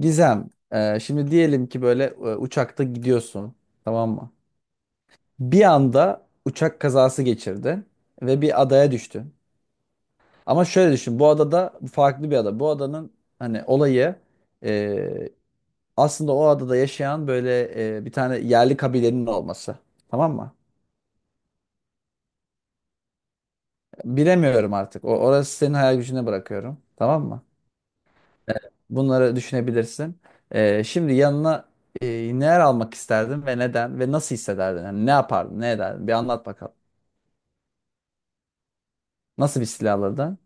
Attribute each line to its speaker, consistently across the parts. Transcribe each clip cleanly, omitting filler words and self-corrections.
Speaker 1: Gizem, şimdi diyelim ki böyle uçakta gidiyorsun, tamam mı? Bir anda uçak kazası geçirdin ve bir adaya düştün. Ama şöyle düşün, bu adada farklı bir ada. Bu adanın hani olayı e, aslında o adada yaşayan böyle bir tane yerli kabilenin olması, tamam mı? Bilemiyorum artık. Orası senin hayal gücüne bırakıyorum, tamam mı? Bunları düşünebilirsin. Şimdi yanına e, neler almak isterdin ve neden ve nasıl hissederdin? Yani ne yapardın, ne ederdin? Bir anlat bakalım. Nasıl bir silah alırdın?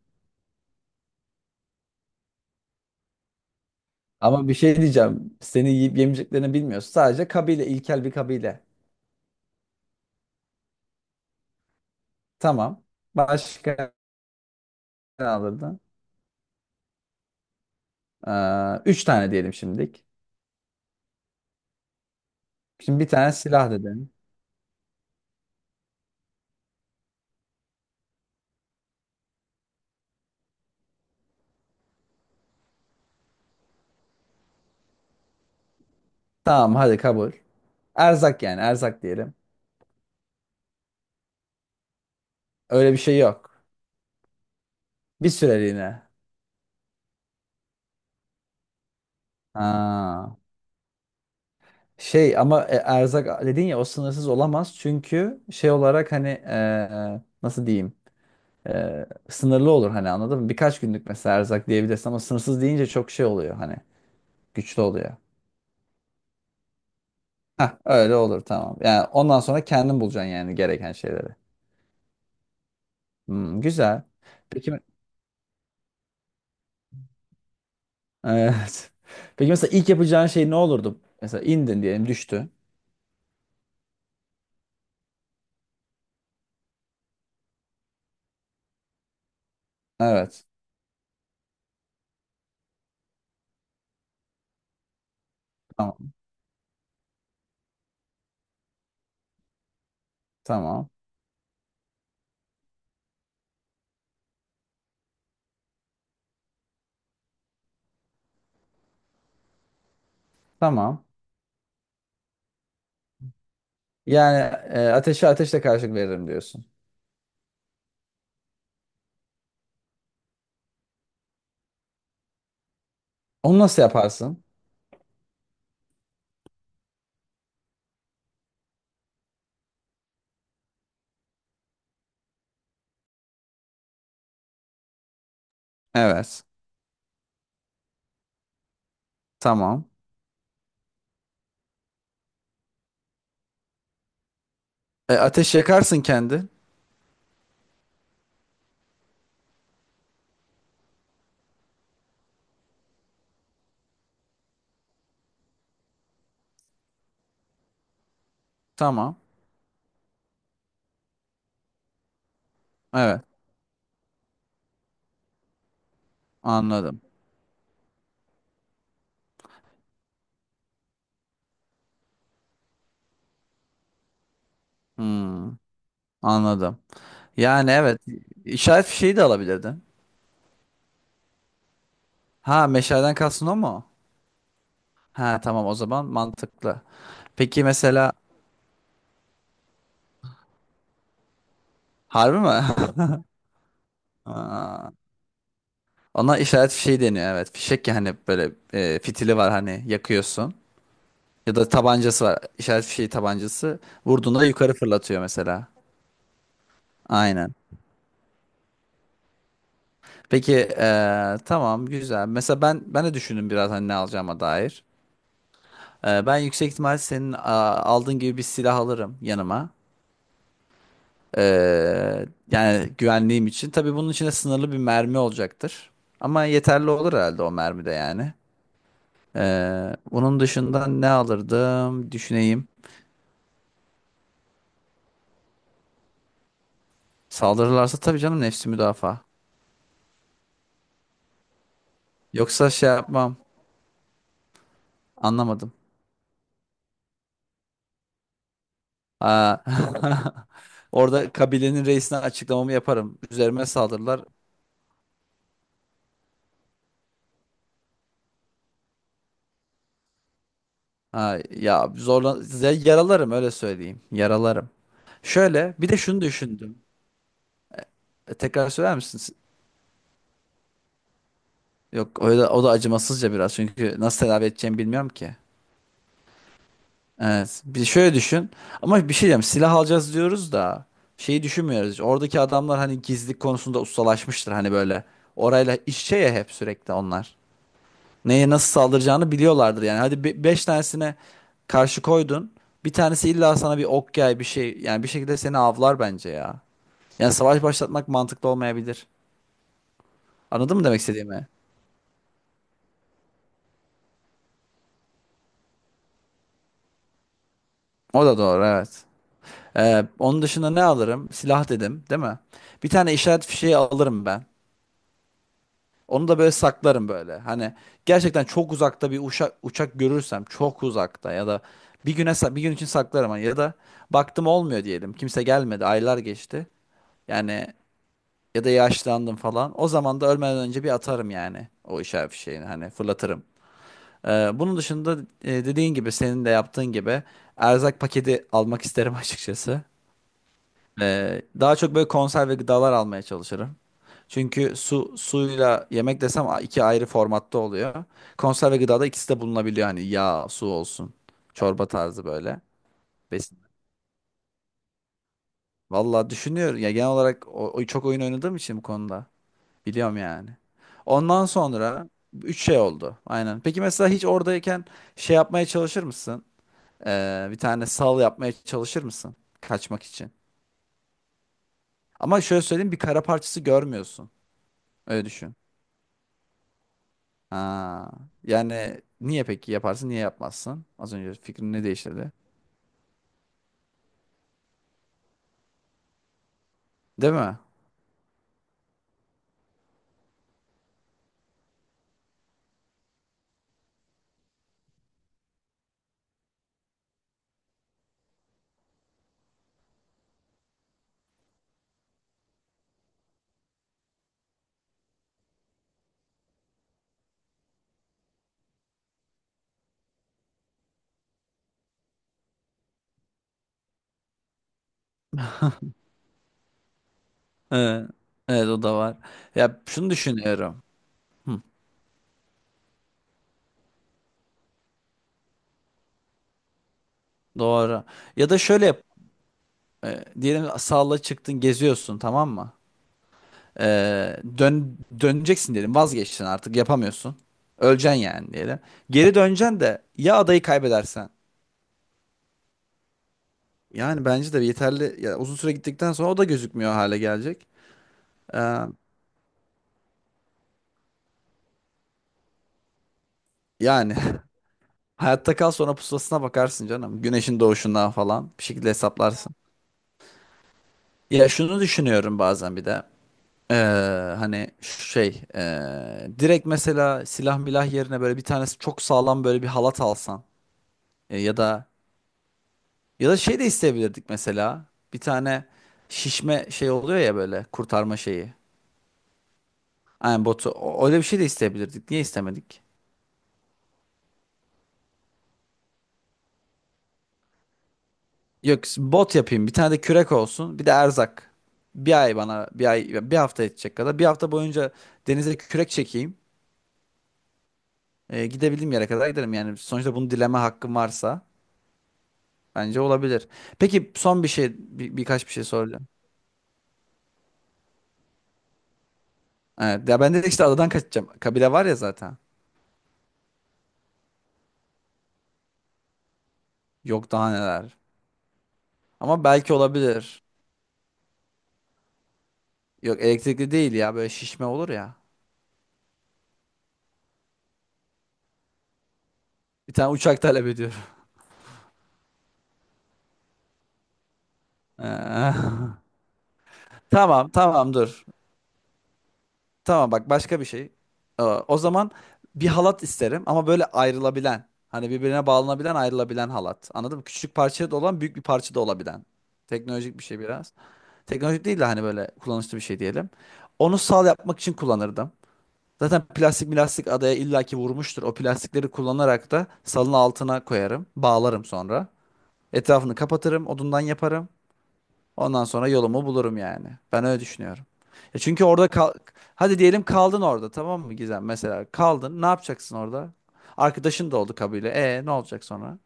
Speaker 1: Ama bir şey diyeceğim. Seni yiyip yemeyeceklerini bilmiyorsun. Sadece kabile, ilkel bir kabile. Tamam. Başka ne alırdın? Üç tane diyelim şimdilik. Şimdi bir tane silah dedin. Tamam hadi kabul. Erzak yani erzak diyelim. Öyle bir şey yok. Bir süreliğine. Ha. Şey ama erzak dedin ya o sınırsız olamaz çünkü şey olarak hani nasıl diyeyim sınırlı olur hani anladın mı? Birkaç günlük mesela erzak diyebilirsin ama sınırsız deyince çok şey oluyor hani güçlü oluyor. Hah öyle olur tamam. Yani ondan sonra kendin bulacaksın yani gereken şeyleri. Hmm, güzel. Peki me- evet. Peki mesela ilk yapacağın şey ne olurdu? Mesela indin diyelim düştü. Evet. Tamam. Tamam. Tamam. Yani ateşe ateşle karşılık veririm diyorsun. Onu nasıl yaparsın? Evet. Tamam. E, ateş yakarsın kendin. Tamam. Evet. Anladım. Hmm, anladım. Yani evet. işaret fişeği de alabilirdin. Ha meşaleden kalsın o mu? Ha tamam o zaman mantıklı. Peki mesela harbi mi? Aa, ona işaret fişeği deniyor evet. Fişek yani böyle fitili var hani yakıyorsun. Ya da tabancası var. İşaret fişeği tabancası. Vurduğunda yukarı fırlatıyor mesela. Aynen. Peki tamam güzel. Mesela ben de düşündüm biraz hani ne alacağıma dair. Ben yüksek ihtimal senin aldığın gibi bir silah alırım yanıma. Eee, Yani güvenliğim için. Tabii bunun içinde sınırlı bir mermi olacaktır. Ama yeterli olur herhalde o mermi de yani. Onun dışında ne alırdım düşüneyim. Saldırırlarsa tabii canım nefsi müdafaa. Yoksa şey yapmam. Anlamadım. Aa, orada kabilenin reisine açıklamamı yaparım. Üzerime saldırırlar. Ha, ya zorlan size yaralarım öyle söyleyeyim. Yaralarım. Şöyle bir de şunu düşündüm. E, tekrar söyler misin? Yok o da acımasızca biraz çünkü nasıl tedavi edeceğimi bilmiyorum ki. Evet. Bir şöyle düşün. Ama bir şey diyeceğim. Silah alacağız diyoruz da şeyi düşünmüyoruz hiç. Oradaki adamlar hani gizlilik konusunda ustalaşmıştır hani böyle. Orayla iç içe ya hep sürekli onlar. Neye nasıl saldıracağını biliyorlardır yani. Hadi beş tanesine karşı koydun. Bir tanesi illa sana bir ok yay bir şey yani bir şekilde seni avlar bence ya. Yani savaş başlatmak mantıklı olmayabilir. Anladın mı demek istediğimi? O da doğru evet. Onun dışında ne alırım? Silah dedim, değil mi? Bir tane işaret fişeği alırım ben. Onu da böyle saklarım böyle. Hani gerçekten çok uzakta bir uçak görürsem çok uzakta ya da bir bir gün için saklarım hani ya da baktım olmuyor diyelim. Kimse gelmedi, aylar geçti. Yani ya da yaşlandım falan. O zaman da ölmeden önce bir atarım yani o işaret fişeğini hani fırlatırım. Bunun dışında dediğin gibi senin de yaptığın gibi erzak paketi almak isterim açıkçası. Daha çok böyle konserve gıdalar almaya çalışırım. Çünkü suyla yemek desem iki ayrı formatta oluyor. Konserve gıdada ikisi de bulunabiliyor hani yağ, su olsun. Çorba tarzı böyle. Besin. Vallahi düşünüyorum ya genel olarak çok oyun oynadığım için bu konuda biliyorum yani. Ondan sonra üç şey oldu. Aynen. Peki mesela hiç oradayken şey yapmaya çalışır mısın? Bir tane sal yapmaya çalışır mısın? Kaçmak için. Ama şöyle söyleyeyim bir kara parçası görmüyorsun. Öyle düşün. Ha, yani niye peki yaparsın niye yapmazsın? Az önce fikrini ne değiştirdi? Değil mi? Evet, evet o da var. Ya şunu düşünüyorum. Hı, doğru. Ya da şöyle yap. Diyelim salla çıktın geziyorsun tamam mı? Döneceksin diyelim vazgeçtin artık yapamıyorsun. Öleceksin yani diyelim. Geri döneceksin de ya adayı kaybedersen. Yani bence de yeterli ya uzun süre gittikten sonra o da gözükmüyor hale gelecek. Ee, Yani hayatta kal sonra pusulasına bakarsın canım. Güneşin doğuşundan falan bir şekilde hesaplarsın. Ya şunu düşünüyorum bazen bir de. Ee, Hani direkt mesela silah milah yerine böyle bir tanesi çok sağlam böyle bir halat alsan. E, ya da şey de isteyebilirdik mesela bir tane şişme şey oluyor ya böyle kurtarma şeyi. Aynen botu. Öyle bir şey de isteyebilirdik. Niye istemedik? Yok bot yapayım. Bir tane de kürek olsun. Bir de erzak. Bir ay bir hafta yetecek kadar. Bir hafta boyunca denize kürek çekeyim. Gidebildiğim yere kadar giderim. Yani sonuçta bunu dileme hakkım varsa bence olabilir. Peki son bir şey birkaç bir şey soracağım. Evet, ya ben de işte adadan kaçacağım. Kabile var ya zaten. Yok daha neler. Ama belki olabilir. Yok elektrikli değil ya böyle şişme olur ya. Bir tane uçak talep ediyorum. Ee, tamam tamam dur. Tamam bak başka bir şey. O zaman bir halat isterim ama böyle ayrılabilen. Hani birbirine bağlanabilen ayrılabilen halat. Anladın mı? Küçük parça da olan büyük bir parça da olabilen. Teknolojik bir şey biraz. Teknolojik değil de hani böyle kullanışlı bir şey diyelim. Onu sal yapmak için kullanırdım. Zaten plastik milastik adaya illaki vurmuştur. O plastikleri kullanarak da salın altına koyarım. Bağlarım sonra. Etrafını kapatırım. Odundan yaparım. Ondan sonra yolumu bulurum yani. Ben öyle düşünüyorum. Ya çünkü orada kal hadi diyelim kaldın orada tamam mı Gizem? Mesela kaldın ne yapacaksın orada? Arkadaşın da oldu kabile. E ne olacak sonra?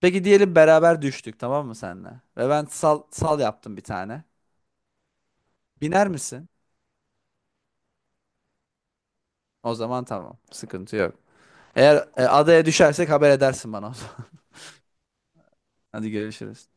Speaker 1: Peki diyelim beraber düştük tamam mı senle? Ve ben sal yaptım bir tane. Biner misin? O zaman tamam. Sıkıntı yok. Eğer adaya düşersek haber edersin bana o zaman. Hadi görüşürüz.